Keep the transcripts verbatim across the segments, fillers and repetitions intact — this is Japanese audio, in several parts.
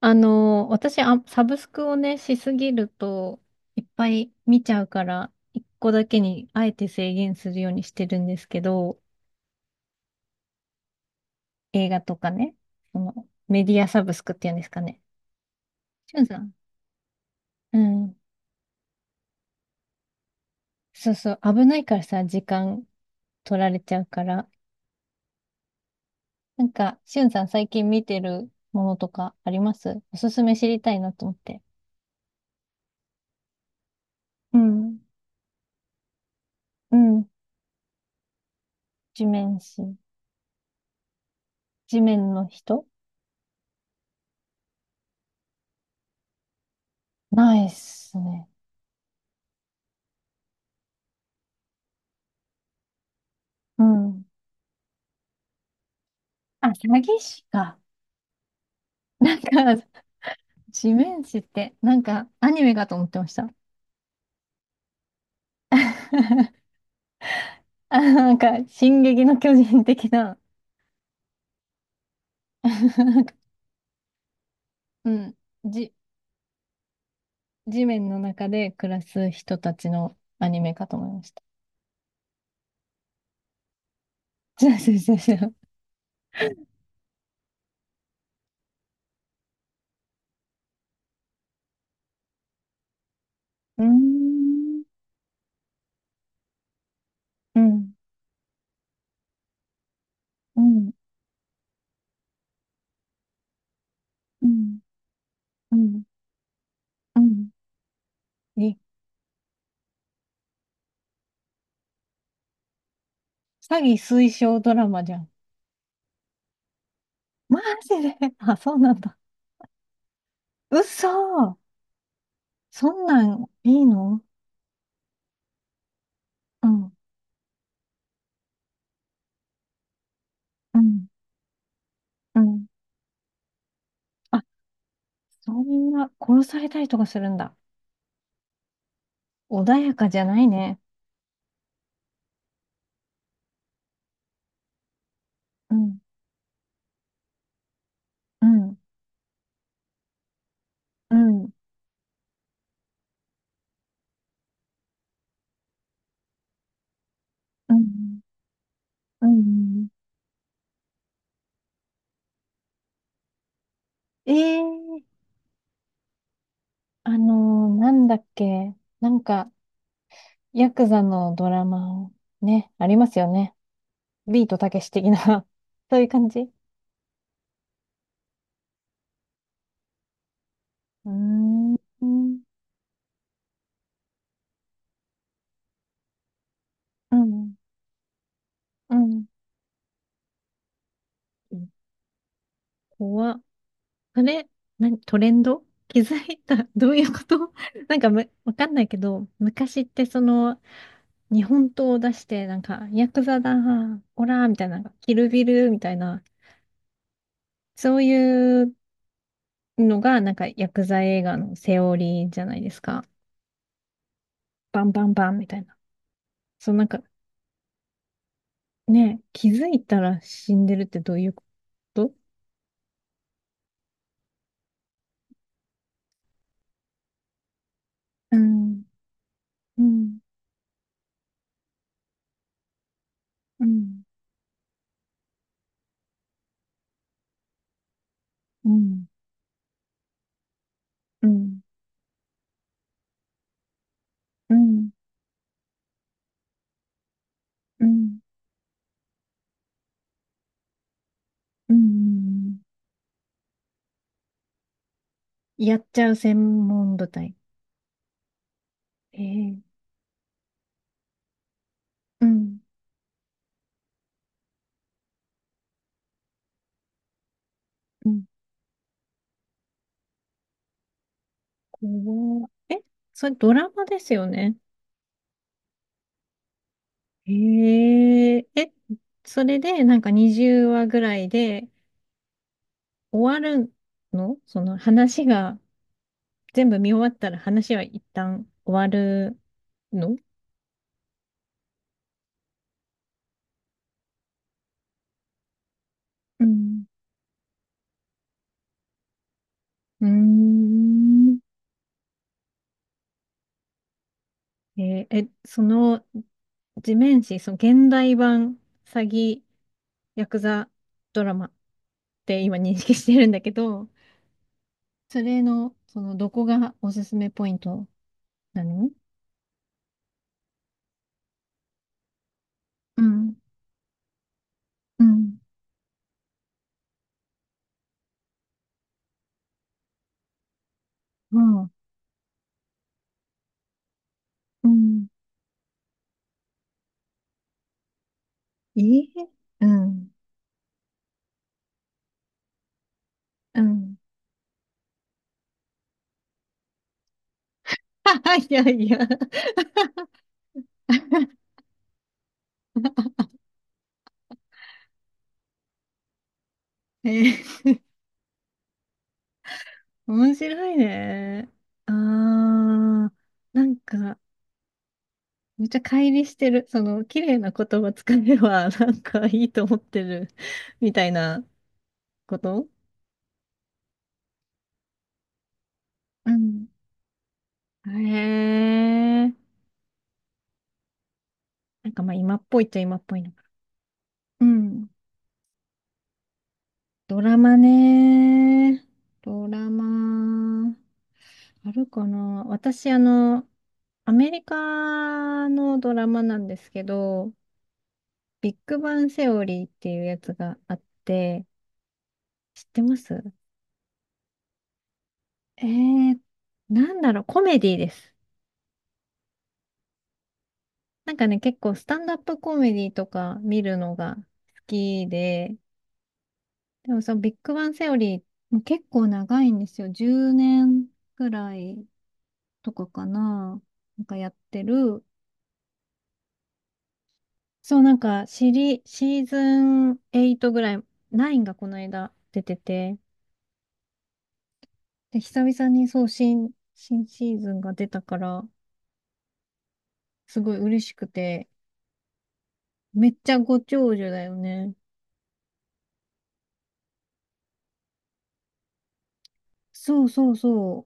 あの、私、あ、サブスクをね、しすぎると、いっぱい見ちゃうから、一個だけにあえて制限するようにしてるんですけど、映画とかね、そのメディアサブスクっていうんですかね。しゅんさん。うん。そうそう、危ないからさ、時間取られちゃうから。なんか、しゅんさん最近見てるものとかあります？おすすめ知りたいなと思って。うん。うん。地面師。地面の人、ないっすね。うん。あ、詐欺師か。なんか、地面師って、なんか、アニメかと思ってました。あ、なんか、進撃の巨人的な、なんか、うん、じ、地面の中で暮らす人たちのアニメかと思いました。違う違う違う違う。うーん、うん、うん、うん、うん、うん。え、詐欺推奨ドラマじゃん。マジで。 あ、そうなんだ。嘘、そんなんいいの？うん、うん、うん。あ、そんな、殺されたりとかするんだ。穏やかじゃないね。うん、うん、うん、うん、うん。ええー、あのー、なんだっけ。なんか、ヤクザのドラマ、ね、ありますよね。ビートたけし的な。 そういう感じ。うーん、うん、うん。うん、怖っ。それ、何、トレンド気づいた。どういうこと？ なんかむ、わかんないけど、昔ってその、日本刀を出して、なんか、ヤクザだ、オラみたいな、キルビルみたいな、そういうのが、なんか、ヤクザ映画のセオリーじゃないですか。バンバンバンみたいな。そう、なんか、ね、気づいたら死んでるってどういうこと？うん、うん、うん、うん、うん、うん、うん、うん。やっちゃう専門部隊。ええ、うん、うん、怖っ。え、それドラマですよね？へえ、え、それでなんかにじゅうわぐらいで終わるの？その話が全部見終わったら話は一旦終わるの？うん。うーん。えーえ、その地面師、その現代版詐欺ヤクザドラマって今認識してるんだけど、それの、そのどこがおすすめポイントなの？うん。うん。うん。うん。いいえ。うん。うん。いやいや。 えー、面白いね。ああ、なんか、めっちゃ乖離してる。その、綺麗な言葉使えば、なんかいいと思ってる、みたいなこと。うん。へえ。なんかまあ、今っぽいっちゃ今っぽいのか。うん。ドラマね。ドラマ。あるかな、私、あの、アメリカのドラマなんですけど、ビッグバンセオリーっていうやつがあって、知ってます？えー、なんだろう、コメディです。なんかね、結構スタンダップコメディとか見るのが好きで、でもそのビッグバンセオリー、もう結構長いんですよ。じゅうねんくらいとかかな。なんかやってる。そう、なんか、シリ、シーズンはちぐらい、きゅうがこの間出てて、で、久々にそう、新、新シーズンが出たから、すごい嬉しくて、めっちゃご長寿だよね。そうそうそ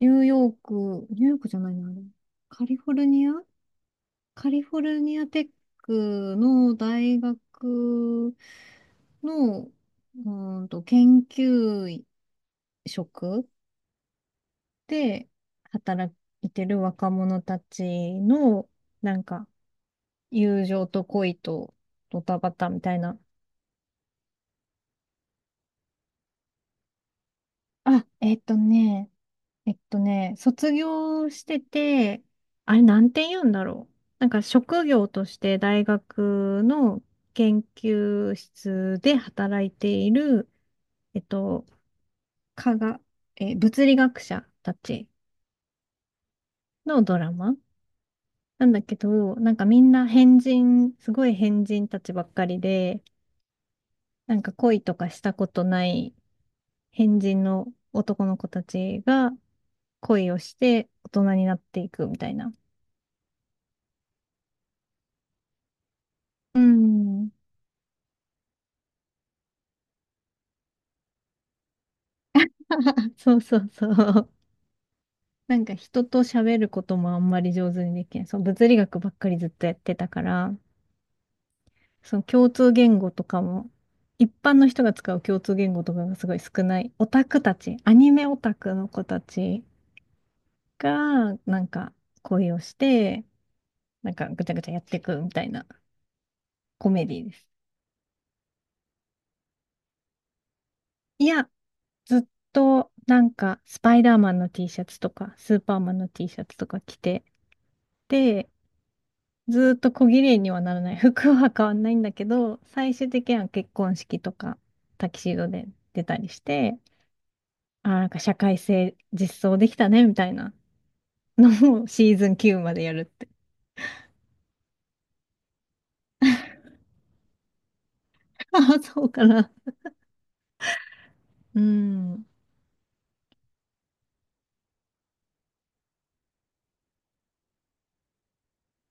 う。ニューヨーク、ニューヨークじゃないな、あれ、カリフォルニア、カリフォルニアテックの大学の、うーんと、研究職で働いてる若者たちの、なんか、友情と恋とドタバタみたいな。あ、えっとね、えっとね、卒業してて、あれなんて言うんだろう。なんか職業として大学の研究室で働いている、えっと、科学、えー、物理学者たちのドラマなんだけど、なんかみんな変人、すごい変人たちばっかりで、なんか恋とかしたことない変人の男の子たちが恋をして大人になっていくみたいな。うん。そうそうそう。なんか人と喋ることもあんまり上手にできない。そう、物理学ばっかりずっとやってたから、その共通言語とかも、一般の人が使う共通言語とかがすごい少ない。オタクたち、アニメオタクの子たちが、なんか恋をして、なんかぐちゃぐちゃやっていくみたいなコメディです。いや、ずっとなんかスパイダーマンの T シャツとかスーパーマンの T シャツとか着て、で、ずっと小綺麗にはならない。服は変わんないんだけど、最終的には結婚式とかタキシードで出たりして、あー、なんか社会性実装できたねみたいなのを、 シーズンきゅうまでやるって。ああ、そうかな。うん。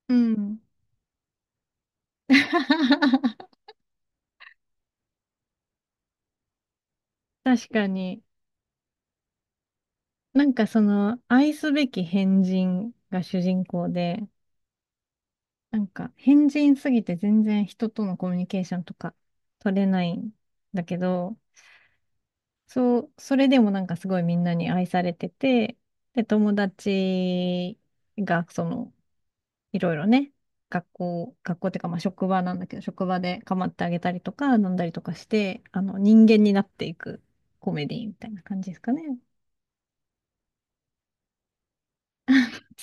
うん。確かに。なんかその愛すべき変人が主人公で、なんか、変人すぎて全然人とのコミュニケーションとか取れないんだけど、そう、それでもなんかすごいみんなに愛されてて、で、友達が、その、いろいろね、学校、学校っていうか、まあ職場なんだけど、職場で構ってあげたりとか、飲んだりとかして、あの、人間になっていくコメディみたいな感じですかね。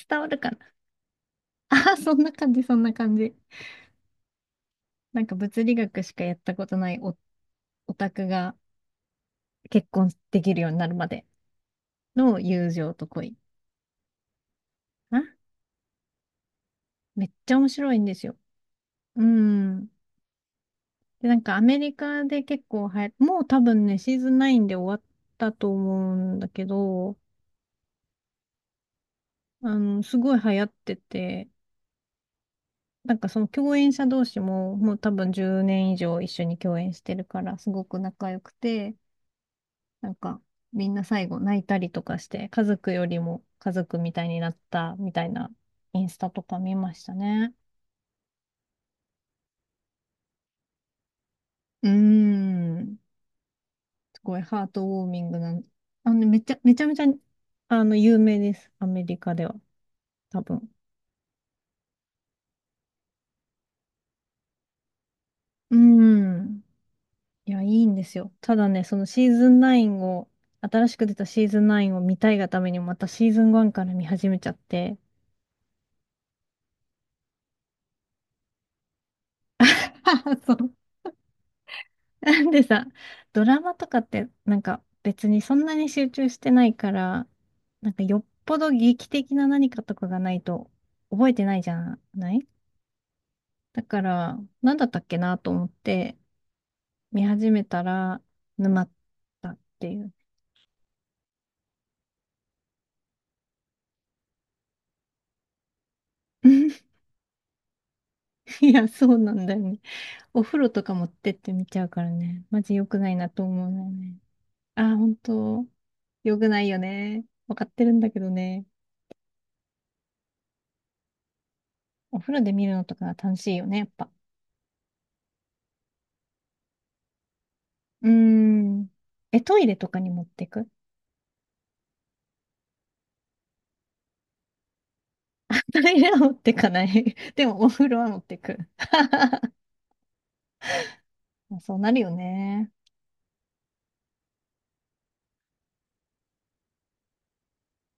伝わるかな？ああ。 そんな感じ、そんな感じ。なんか物理学しかやったことないオオタクが、結婚できるようになるまでの友情と恋かな。めっちゃ面白いんですよ。うん。で、なんかアメリカで結構流行、もう多分ね、シーズンきゅうで終わったと思うんだけど、あの、すごい流行ってて、なんかその共演者同士ももう多分じゅうねん以上一緒に共演してるから、すごく仲良くて、なんかみんな最後泣いたりとかして、家族よりも家族みたいになったみたいなインスタとか見ましたね。うーん。すごいハートウォーミングな、あの、めちゃ、めちゃめちゃ、あの、有名です。アメリカでは。多分。うん。いや、いいんですよ。ただね、そのシーズンきゅうを、新しく出たシーズンきゅうを見たいがためにまたシーズンいちから見始めちゃって。そう。なんでさ、ドラマとかってなんか別にそんなに集中してないから、なんかよっぽど劇的な何かとかがないと覚えてないじゃない？だから、なんだったっけなと思って、見始めたら沼ったっていう。いや、そうなんだよね。お風呂とか持ってって見ちゃうからね。マジ良くないなと思うのよね。ああ、本当良くないよね。わかってるんだけどね。お風呂で見るのとかが楽しいよね、やっぱ。うーん。え、トイレとかに持ってく？ トイレは持ってかない。でも、お風呂は持ってく。まあそうなるよね。